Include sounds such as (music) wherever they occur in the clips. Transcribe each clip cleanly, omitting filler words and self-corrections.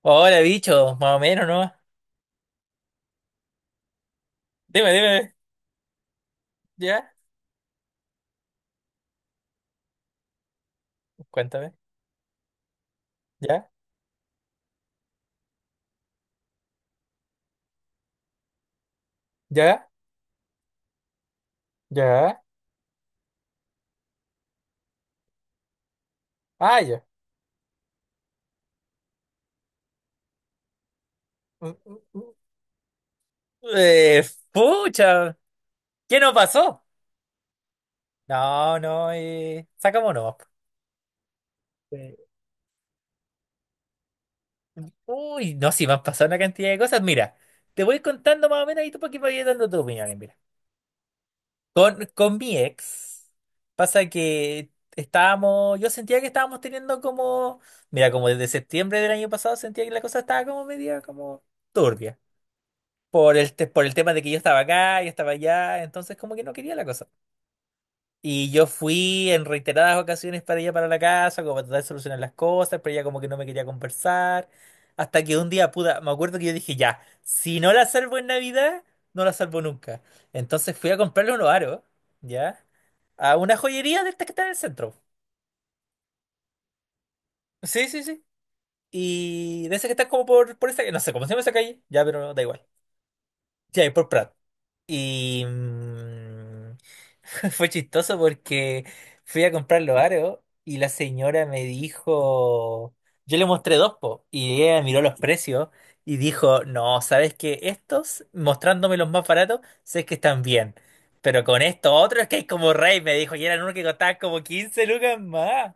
Hola, bicho, más o menos, ¿no? Dime, dime, ya, cuéntame, ya, ya, ya, ah, ya. Mm, mm, mm. Eh, Pucha, ¿qué nos pasó? No, no, sacamos no. Uy, no, sí, me han pasado una cantidad de cosas. Mira, te voy contando más o menos y tú para que vayas dando tu opinión. Mira, con mi ex, pasa que estábamos, yo sentía que estábamos teniendo como, mira, como desde septiembre del año pasado sentía que la cosa estaba como media, como turbia. Por por el tema de que yo estaba acá, yo estaba allá, entonces como que no quería la cosa. Y yo fui en reiteradas ocasiones para ella para la casa, como para tratar de solucionar las cosas, pero ella como que no me quería conversar. Hasta que un día, puta, me acuerdo que yo dije, ya, si no la salvo en Navidad, no la salvo nunca. Entonces fui a comprarle unos aros, ¿ya? A una joyería de estas que está en el centro. Sí, sí, sí. Y de esas que están como por esa, no sé cómo se llama esa calle, ya, pero da igual. Sí, ahí por Prat. Y... mm, (laughs) Fue chistoso porque fui a comprar los aros y la señora me dijo, yo le mostré dos, po, y ella miró los precios y dijo, no, ¿sabes qué? Estos, mostrándome los más baratos, sé que están bien, pero con estos otros que hay como rey, me dijo, y eran uno que costaban como 15 lucas más,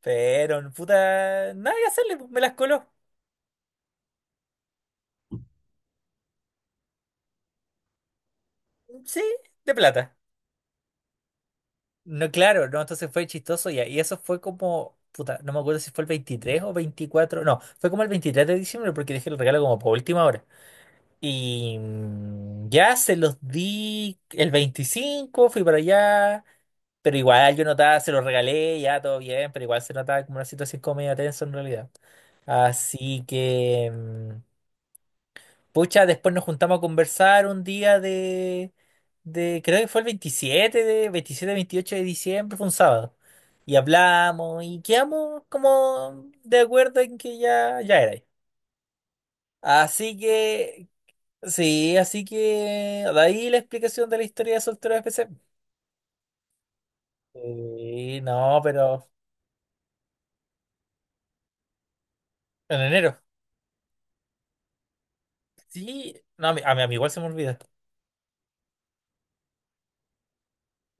pero puta, nada que hacerle, po, me las coló, sí, de plata. No, claro, no, entonces fue chistoso ya. Y eso fue como, puta, no me acuerdo si fue el 23 o 24, no, fue como el 23 de diciembre porque dejé el regalo como por última hora. Y ya se los di el 25, fui para allá, pero igual yo notaba, se los regalé, ya todo bien, pero igual se notaba como una situación como medio tensa en realidad. Así que... mm, Pucha, después nos juntamos a conversar un día de creo que fue de 27, 28 de diciembre, fue un sábado. Y hablamos y quedamos como de acuerdo en que ya, ya era ahí. Así que, sí, así que de ahí la explicación de la historia de soltero de PC. Sí, no, pero en enero. Sí, no, a mí igual se me olvida.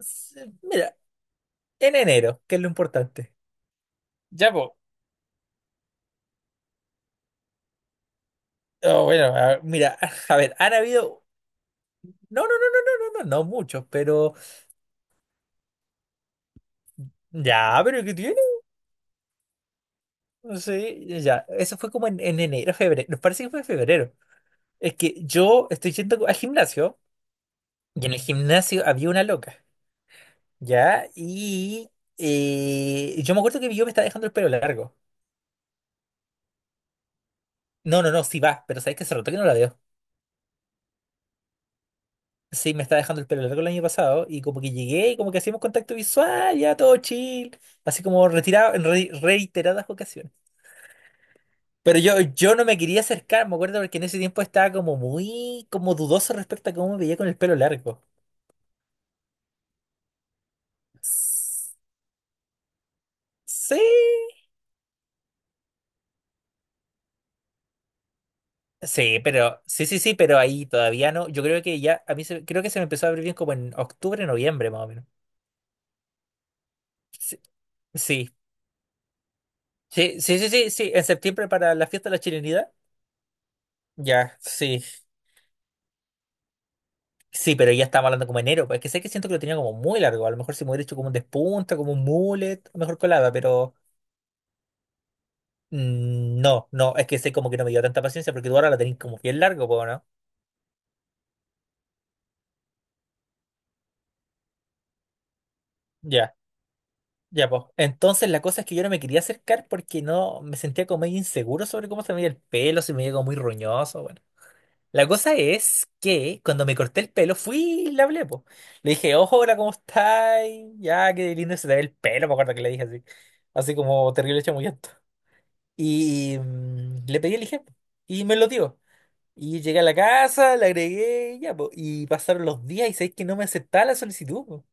Sí, mira, en enero, que es lo importante. Ya, pues. Bueno, mira, (laughs) a ver, han habido... No, no, no, no, no, no, no, no muchos, pero ya, pero ¿qué tiene? Sí, ya, eso fue como en enero, febrero, nos parece que fue en febrero. Es que yo estoy yendo al gimnasio y en el gimnasio había una loca, ¿ya? Y yo me acuerdo que yo me estaba dejando el pelo largo. No, no, no, sí va, pero sabes que se notó que no la veo. Sí, me estaba dejando el pelo largo el año pasado y como que llegué y como que hacíamos contacto visual, ya todo chill, así como retirado en reiteradas ocasiones. Pero yo no me quería acercar, me acuerdo porque en ese tiempo estaba como muy como dudoso respecto a cómo me veía con el pelo largo. S- Sí, sí, pero sí, sí, sí, pero ahí todavía no. Yo creo que ya, creo que se me empezó a abrir bien como en octubre, noviembre más o menos. Sí, sí, sí, sí, sí, sí, sí, en septiembre para la fiesta de la chilenidad. Ya, sí, sí, pero ya estamos hablando como enero, pues que sé que siento que lo tenía como muy largo. A lo mejor si me hubiera hecho como un despunta, como un mullet, mejor colada, pero... No, no, es que sé como que no me dio tanta paciencia porque tú ahora la tenés como bien largo, po, ¿no? Ya, ya, pues. Entonces la cosa es que yo no me quería acercar porque no me sentía como medio inseguro sobre cómo se me veía el pelo, si me veía como muy roñoso, bueno. La cosa es que cuando me corté el pelo fui y le hablé, po. Le dije, ojo, hola, ¿cómo estáis? Ya, qué lindo se te ve el pelo, me acuerdo que le dije así. Así como terrible chamullento. Y le pedí el IGEM y me lo dio. Y llegué a la casa, la agregué, y ya, po. Y pasaron los días y sabéis que no me aceptaba la solicitud, po.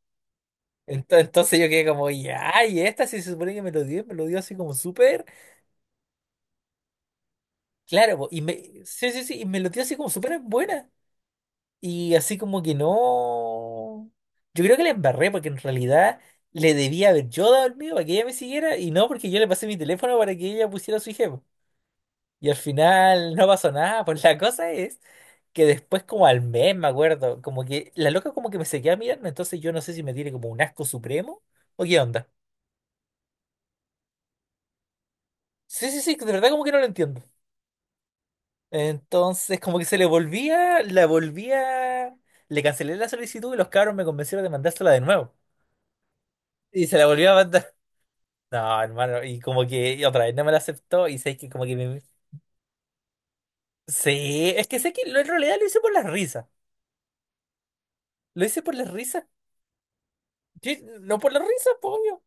Entonces, yo quedé como, ya, y esta sí se supone que me lo dio así como súper, claro, po, y me, sí, sí, sí, y me lo dio así como súper buena. Y así como que no. Yo creo que la embarré porque en realidad le debía haber yo dado el mío para que ella me siguiera y no porque yo le pasé mi teléfono para que ella pusiera su IG. Y al final no pasó nada, pues la cosa es que después como al mes, me acuerdo, como que la loca como que me seguía mirando, entonces yo no sé si me tiene como un asco supremo o qué onda. Sí, sí, sí, de verdad como que no lo entiendo. Entonces como que se le volvía, la volvía, le cancelé la solicitud y los cabros me convencieron de mandársela de nuevo. Y se la volví a mandar. (laughs) No, hermano, y como que y otra vez no me la aceptó y sé que como que me... Sí, es que sé que en realidad lo hice por las risas. Lo hice por las risas. Sí, no por las risas, pues, obvio.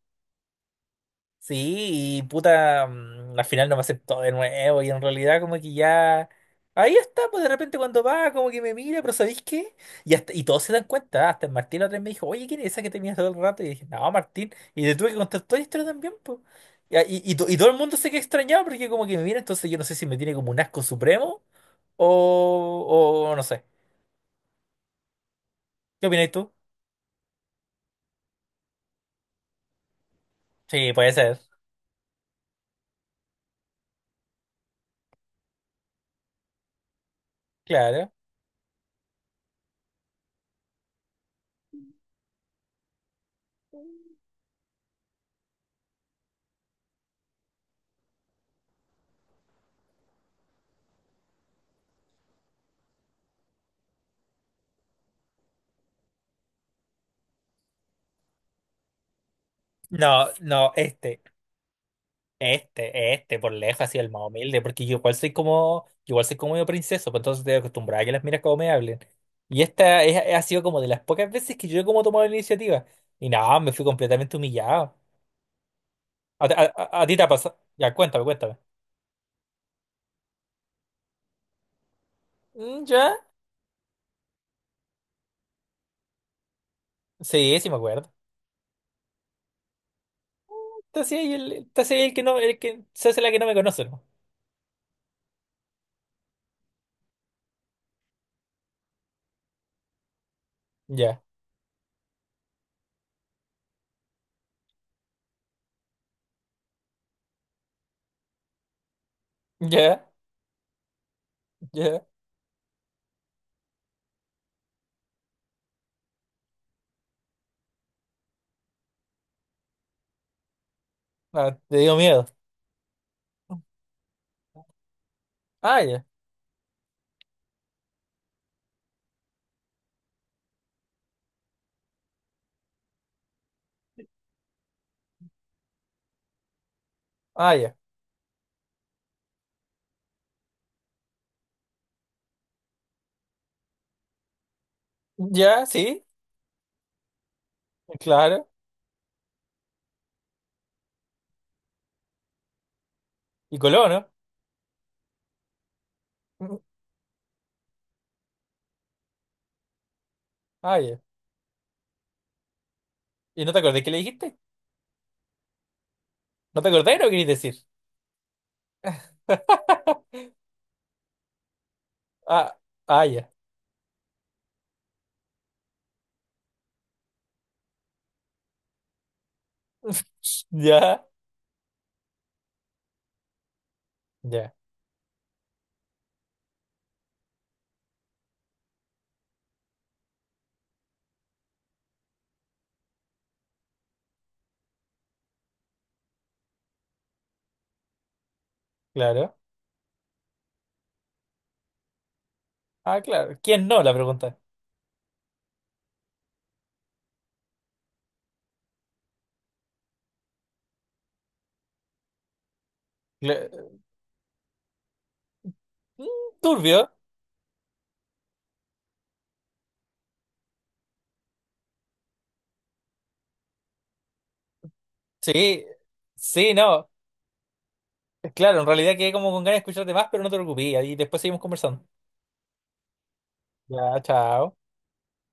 Sí, y puta, al final no me aceptó de nuevo y en realidad como que ya... Ahí está, pues de repente cuando va, como que me mira, pero ¿sabéis qué? Y todos se dan cuenta, hasta el Martín otra vez me dijo, oye, ¿quién es esa que tenías todo el rato? Y dije, no, Martín, y le tuve que contar toda la historia también, pues. Y todo el mundo se queda extrañado porque como que me mira, entonces yo no sé si me tiene como un asco supremo o no sé. ¿Qué opináis tú? Sí, puede ser, claro. No, no, por lejos, así el más humilde, porque yo igual soy como medio princeso, pues entonces estoy acostumbrada a que las miras como me hablen. Y ha sido como de las pocas veces que yo he como tomado la iniciativa. Y nada, me fui completamente humillado. ¿A ti te ha pasado? Ya, cuéntame, cuéntame. Mm, ¿ya? Sí, sí me acuerdo. Te hacía ahí el que no, el que se hace la que no me conoce, ¿no? Ya, ya, ya. Ah, te dio miedo. Ah, ya, ah, ya. Ya, sí, claro. Y coló, ¿no? Mm, ah, ya. ¿Y no te acordás que le dijiste? ¿No te acordás de lo que querés decir? (laughs) Ah, ah, ya. Ya, ya, claro. Ah, claro. ¿Quién no? La pregunta. Cla- mm, Turbio. Sí, sí, no. Claro, en realidad quedé como con ganas de escucharte más, pero no te preocupes. Y después seguimos conversando. Ya, chao.